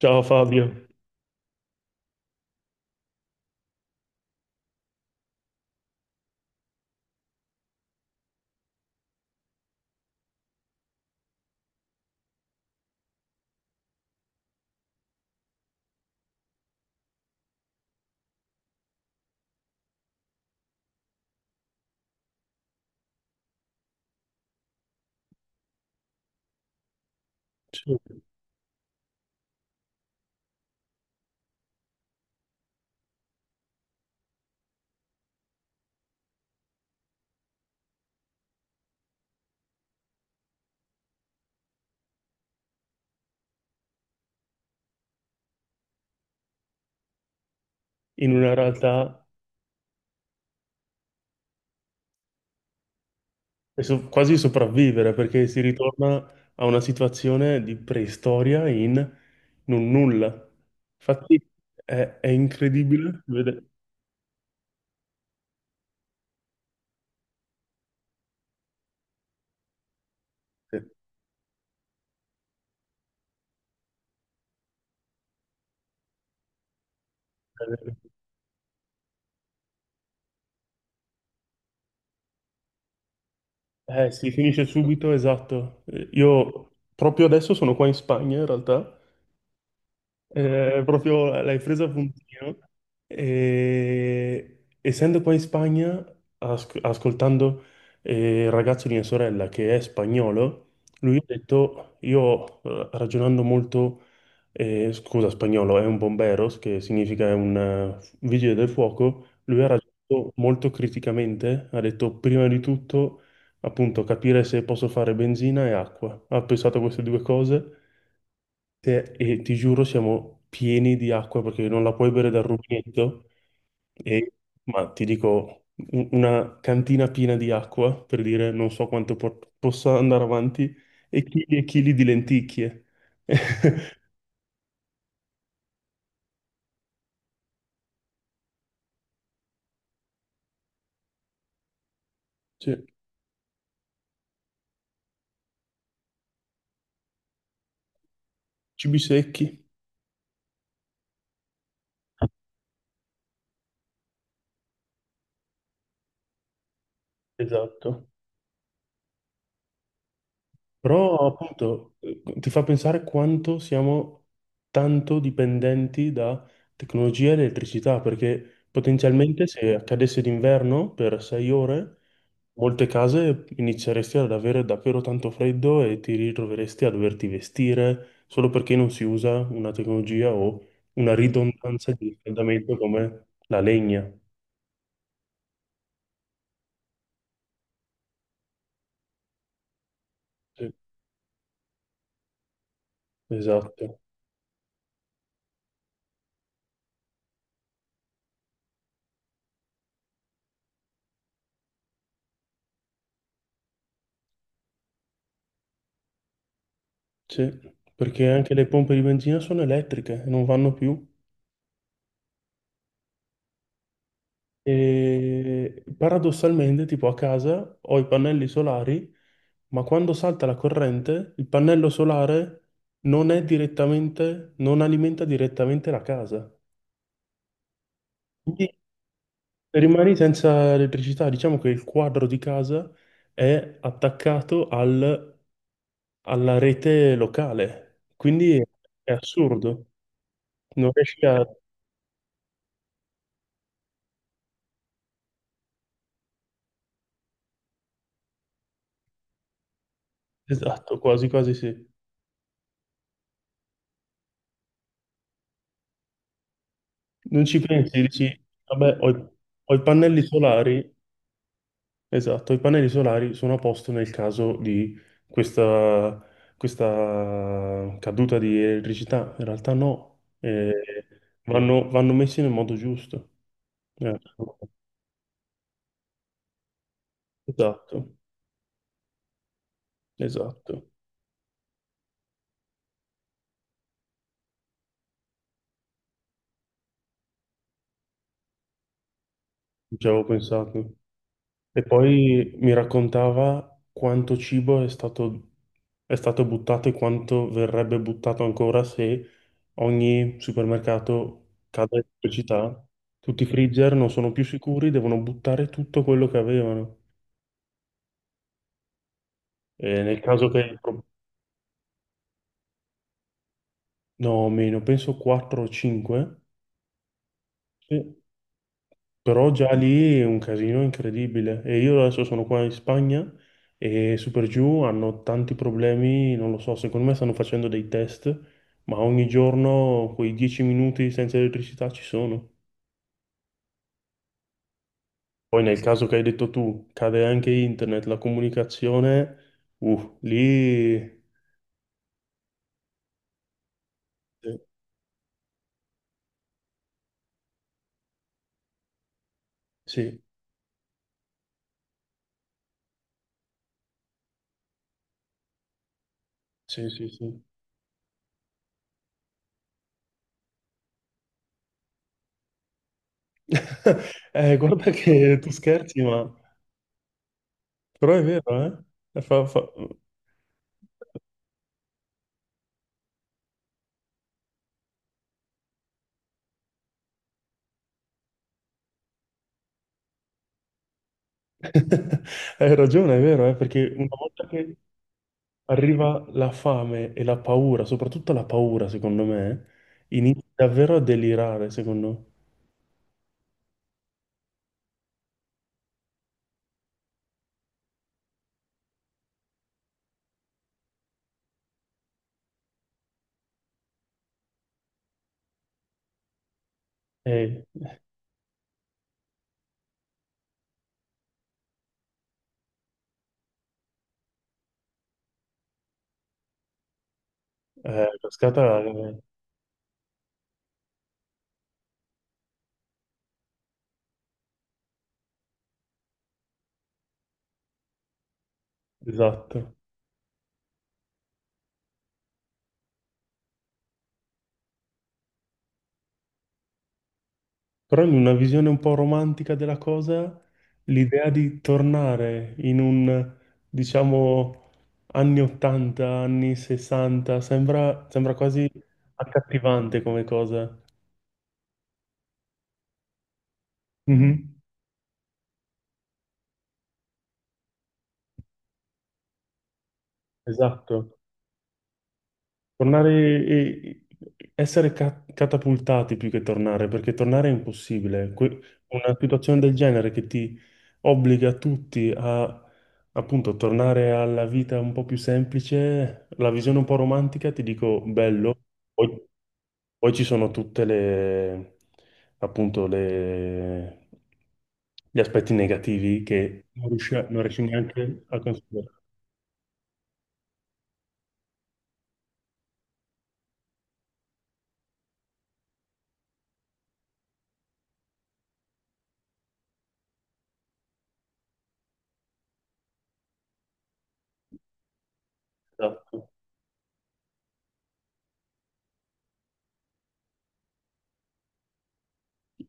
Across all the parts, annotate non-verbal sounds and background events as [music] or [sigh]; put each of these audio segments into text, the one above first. Ciao Fabio, in una realtà è quasi sopravvivere perché si ritorna a una situazione di preistoria in un nulla. Infatti è, è incredibile vedere. Si finisce subito, esatto. Io proprio adesso sono qua in Spagna in realtà. Proprio l'hai presa a puntino. Essendo qua in Spagna, ascoltando il ragazzo di mia sorella che è spagnolo, lui ha detto, io ragionando molto, scusa, spagnolo è un bomberos, che significa è un vigile del fuoco, lui ha ragionato molto criticamente, ha detto prima di tutto appunto capire se posso fare benzina e acqua. Ha pensato a queste due cose. E ti giuro, siamo pieni di acqua perché non la puoi bere dal rubinetto. E, ma ti dico, una cantina piena di acqua per dire non so quanto possa andare avanti e chili di lenticchie. [laughs] Cioè, cibi secchi. Esatto. Però appunto ti fa pensare quanto siamo tanto dipendenti da tecnologia e elettricità, perché potenzialmente se accadesse d'inverno per sei ore, molte case inizieresti ad avere davvero tanto freddo e ti ritroveresti a doverti vestire solo perché non si usa una tecnologia o una ridondanza di riscaldamento come la legna. Sì, esatto. Sì, perché anche le pompe di benzina sono elettriche e non vanno più. E paradossalmente, tipo a casa ho i pannelli solari, ma quando salta la corrente, il pannello solare non è direttamente, non alimenta direttamente la casa. Quindi rimani senza elettricità. Diciamo che il quadro di casa è attaccato alla rete locale. Quindi è assurdo. Non riesci a... Esatto, quasi quasi sì. Non ci pensi, dici, vabbè, ho i pannelli solari. Esatto, i pannelli solari sono a posto nel caso di questa, questa caduta di elettricità. In realtà no, vanno messi nel modo giusto. Eh, esatto, esatto, non ci avevo pensato. E poi mi raccontava quanto è stato buttato e quanto verrebbe buttato ancora se ogni supermercato cade in pubblicità. Tutti i freezer non sono più sicuri, devono buttare tutto quello che avevano. E nel caso che... No, meno, penso 4 o 5. Però già lì è un casino incredibile. E io adesso sono qua in Spagna e Super Giù hanno tanti problemi, non lo so, secondo me stanno facendo dei test, ma ogni giorno quei 10 minuti senza elettricità ci sono. Poi nel caso che hai detto tu, cade anche internet, la comunicazione, lì... eh, sì, sì, sì, sì. [laughs] Guarda che tu scherzi, ma... Però è vero, eh? [laughs] Hai ragione, è vero, eh? Perché una volta che... arriva la fame e la paura, soprattutto la paura, secondo me, inizia davvero a delirare, secondo me. Eh, cascata, esatto. Però in una visione un po' romantica della cosa, l'idea di tornare diciamo, anni 80, anni 60, sembra quasi accattivante come cosa. Mhm. Esatto. Tornare e e essere catapultati più che tornare, perché tornare è impossibile. Una situazione del genere che ti obbliga tutti a appunto tornare alla vita un po' più semplice, la visione un po' romantica, ti dico bello. Poi, poi ci sono tutte le appunto le gli aspetti negativi che non riesci neanche a considerare. Esatto.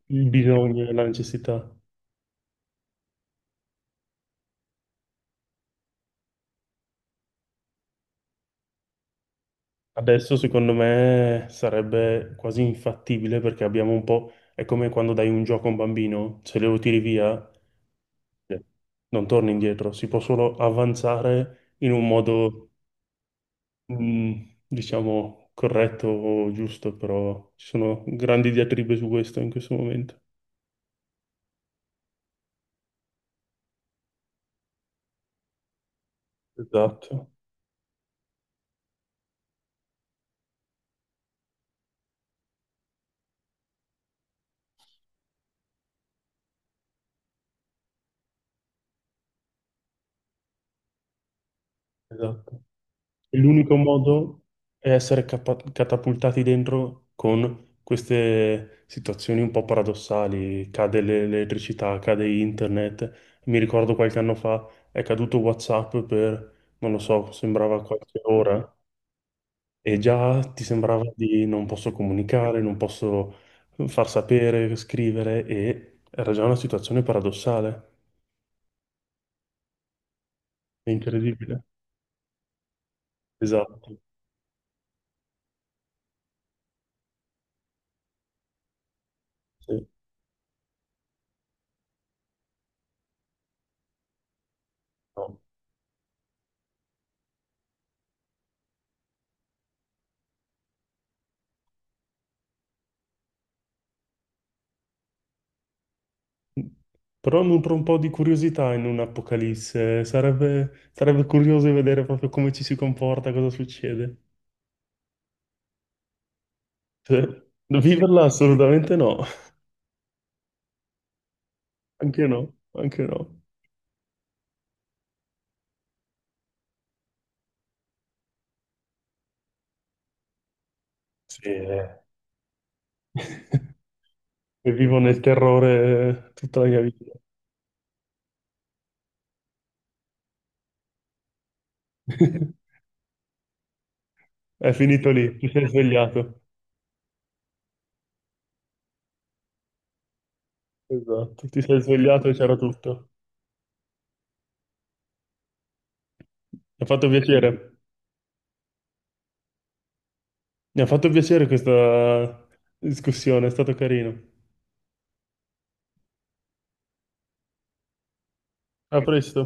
Il bisogno, la necessità. Adesso secondo me sarebbe quasi infattibile perché abbiamo un po'... È come quando dai un gioco a un bambino, se lo tiri via eh, non torni indietro, si può solo avanzare in un modo, mm, diciamo, corretto o giusto, però ci sono grandi diatribe su questo in questo momento. Esatto, esatto. E l'unico modo è essere catapultati dentro con queste situazioni un po' paradossali. Cade l'elettricità, cade internet. Mi ricordo qualche anno fa è caduto WhatsApp per, non lo so, sembrava qualche ora e già ti sembrava di non posso comunicare, non posso far sapere, scrivere e era già una situazione paradossale. È incredibile. Esatto. Sì. No. Però nutro un po' di curiosità in un'Apocalisse. Sarebbe curioso di vedere proprio come ci si comporta, cosa succede. Cioè, viverla assolutamente no, anche no, anche no. Sì, eh. [laughs] E vivo nel terrore tutta la mia vita. [laughs] È finito lì, ti sei svegliato. Esatto, ti sei svegliato e c'era tutto. Mi ha fatto piacere. Mi ha fatto piacere questa discussione, è stato carino. A presto.